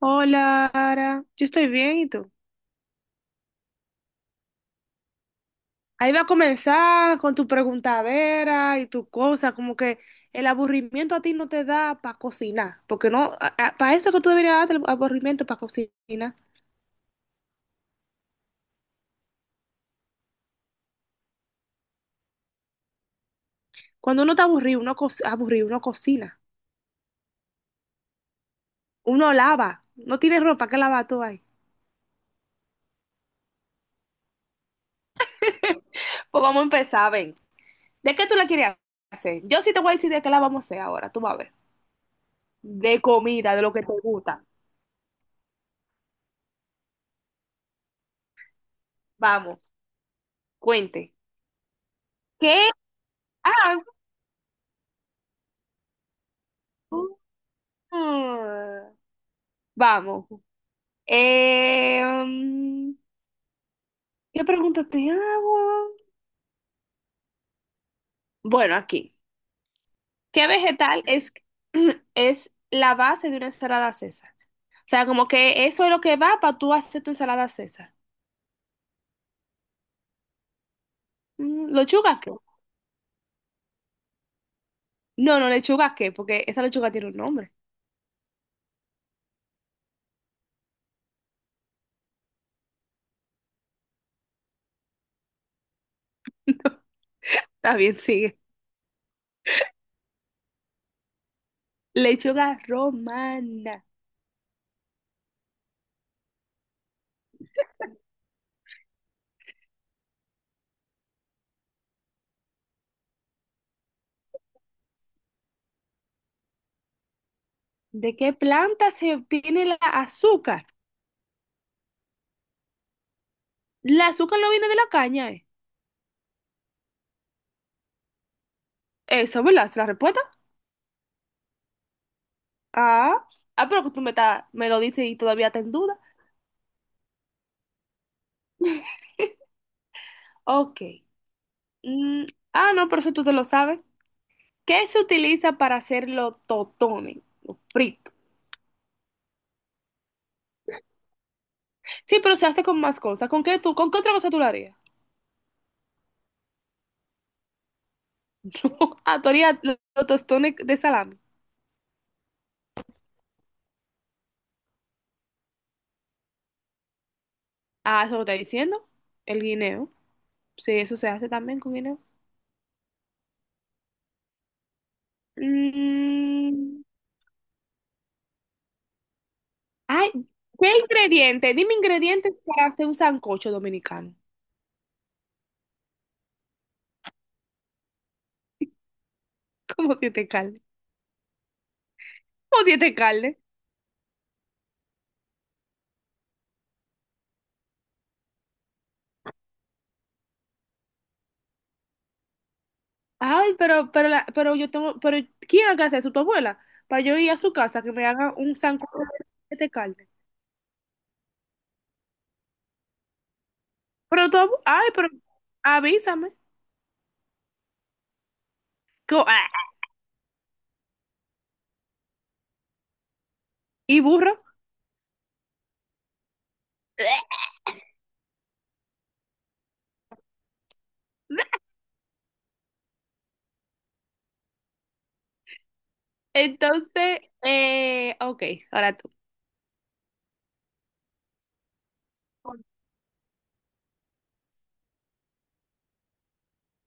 Hola, Ara. Yo estoy bien, ¿y tú? Ahí va a comenzar con tu preguntadera y tu cosa, como que el aburrimiento a ti no te da para cocinar, porque no, para eso que tú deberías darte el aburrimiento para cocinar. Cuando uno está aburrido, aburrido, uno cocina, uno lava, no tienes ropa, ¿qué lava tú ahí? Pues vamos a empezar, ven. ¿De qué tú la querías hacer? Yo sí te voy a decir de qué la vamos a hacer ahora, tú vas a ver. De comida, de lo que te gusta. Vamos, cuente. ¿Qué? Ah, mm. Vamos. Em, ¿Qué pregunta te hago? Bueno, aquí. ¿Qué vegetal es, es la base de una ensalada César? O sea, como que eso es lo que va para tú hacer tu ensalada César. Mm, ¿lechuga qué? No, no, lechuga qué, porque esa lechuga tiene un nombre. Está bien, sigue. Lechuga romana. ¿De qué planta se obtiene la azúcar? La azúcar no viene de la caña, ¿eh? Eso, ¿verdad? ¿Es la respuesta? Ah, ah, pero que me lo dices y todavía está en duda. Ok. Mm, ah, no, pero eso tú te lo sabes. ¿Qué se utiliza para hacer los totones? Los fritos. Sí, pero se hace con más cosas. ¿Con qué tú, con qué otra cosa tú lo harías? No, ah, tú harías los tostones de salami. Ah, eso lo está diciendo. El guineo. Sí, eso se hace también con guineo. Mm, ay, ¿qué ingrediente? Dime ingredientes para hacer un sancocho dominicano. ¿Cómo tiene carne? ¿Cómo tiene carne? Ay, pero yo tengo, pero ¿quién haga eso? ¿Tu abuela? Para yo ir a su casa, que me haga un sancocho de carne. Ay, pero avísame. Ah, y burro. Entonces, ok, ahora tú.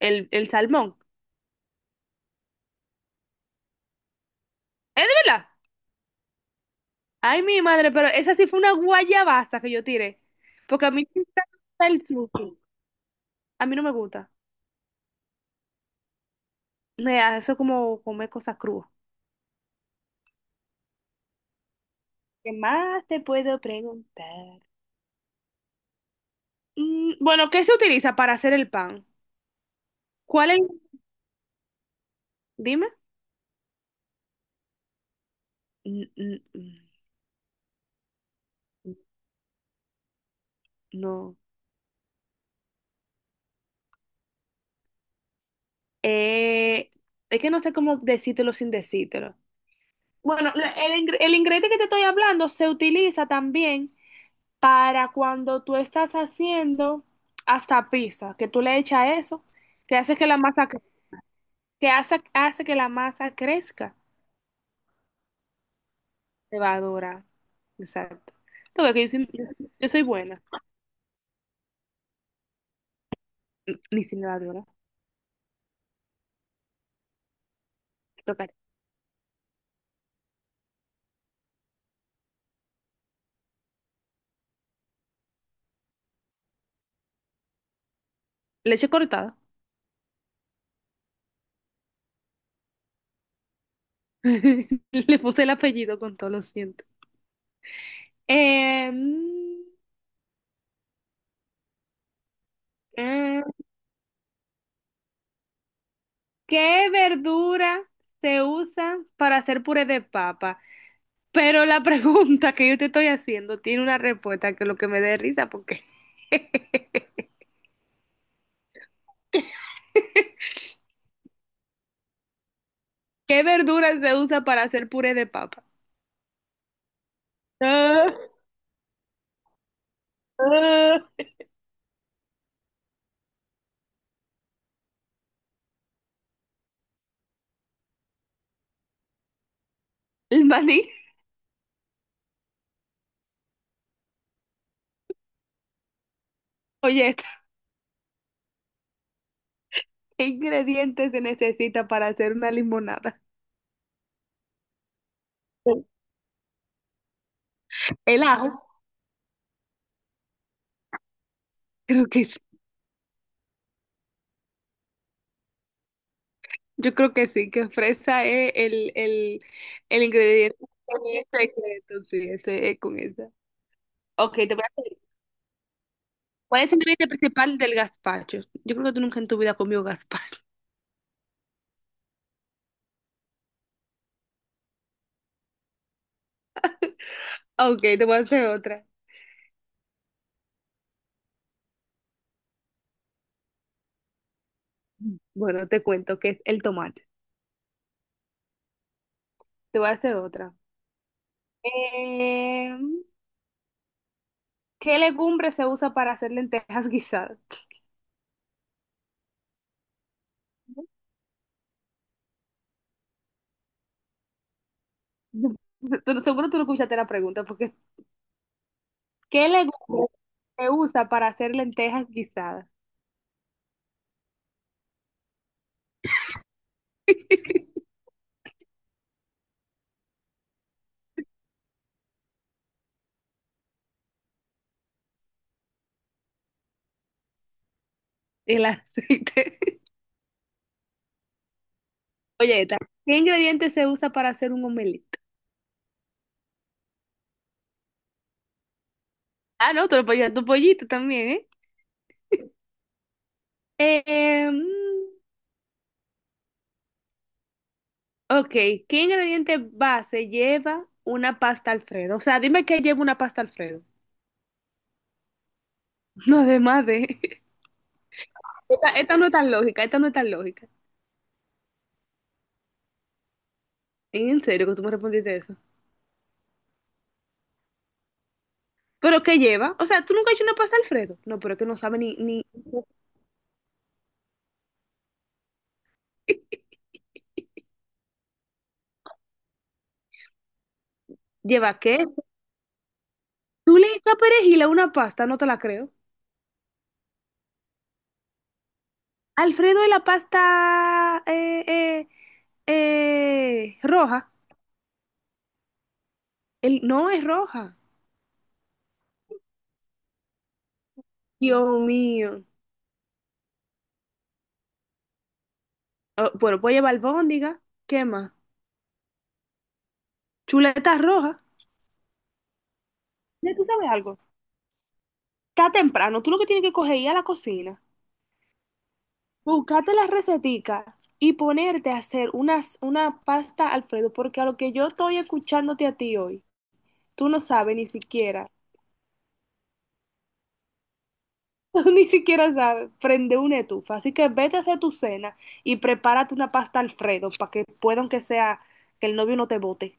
El salmón. ¿Es de verdad? Ay, mi madre, pero esa sí fue una guayabaza que yo tiré. Porque a mí sí me gusta el sushi. A mí no me gusta. Me da eso como comer cosas crudas. ¿Qué más te puedo preguntar? Mm, bueno, ¿qué se utiliza para hacer el pan? ¿Cuál es? Dime. N- n- n- No. Eh, es que no sé cómo decírtelo sin decírtelo. Bueno, el ingrediente que te estoy hablando se utiliza también para cuando tú estás haciendo hasta pizza, que tú le echas eso, que hace que la masa, cre- que hace, hace que la masa crezca. Cebadora. Exacto. Tú ves que yo soy buena. Ni sin levadura. Toca- Leche cortada. Le puse el apellido con todo, lo siento. Mm, eh, ¿qué verdura se usa para hacer puré de papa? Pero la pregunta que yo te estoy haciendo tiene una respuesta que lo que me dé risa porque ¿qué verdura se usa para hacer puré de papa? Ah, ah. El maní. Oye, esta, ¿qué ingredientes se necesita para hacer una limonada? El ajo. Creo que sí. Yo creo que sí, que fresa es el ingrediente secreto, sí, ese es con esa. Ok, te voy a pedir. ¿Cuál es el ingrediente principal del gazpacho? Yo creo que tú nunca en tu vida has comido gazpacho. Ok, te voy a hacer otra. Bueno, te cuento que es el tomate. Te voy a hacer otra. Eh, ¿Qué legumbre se usa para hacer lentejas guisadas? No. Seguro tú no escuchaste la pregunta, porque ¿qué legumbre se usa para hacer lentejas guisadas? El aceite. Oye, ¿qué ingrediente se usa para hacer un omelette? Ah, no, te lo puedes llevar tu pollito también, ¿eh? Mm, ok, ¿qué ingrediente base lleva una pasta Alfredo? O sea, dime qué lleva una pasta Alfredo. No, además de... Esta no es tan lógica, esta no es tan lógica. ¿En serio que tú me respondiste eso? ¿Pero qué lleva? O sea, ¿tú nunca has hecho una pasta Alfredo? No, pero es que no sabe ni... ni... ¿Lleva qué? ¿Tú le echas perejil a una pasta? No te la creo. Alfredo de la pasta roja. El, no es roja. Dios mío. Oh, bueno, puedo llevar albóndiga. ¿Qué más? Chuletas rojas. Ya tú sabes algo. Está temprano. Tú lo que tienes que coger es ir a la cocina. Buscarte las receticas y ponerte a hacer una pasta Alfredo. Porque a lo que yo estoy escuchándote a ti hoy, tú no sabes ni siquiera tú ni siquiera sabes, prende una estufa. Así que vete a hacer tu cena y prepárate una pasta Alfredo para que pueda, aunque sea, que el novio no te bote.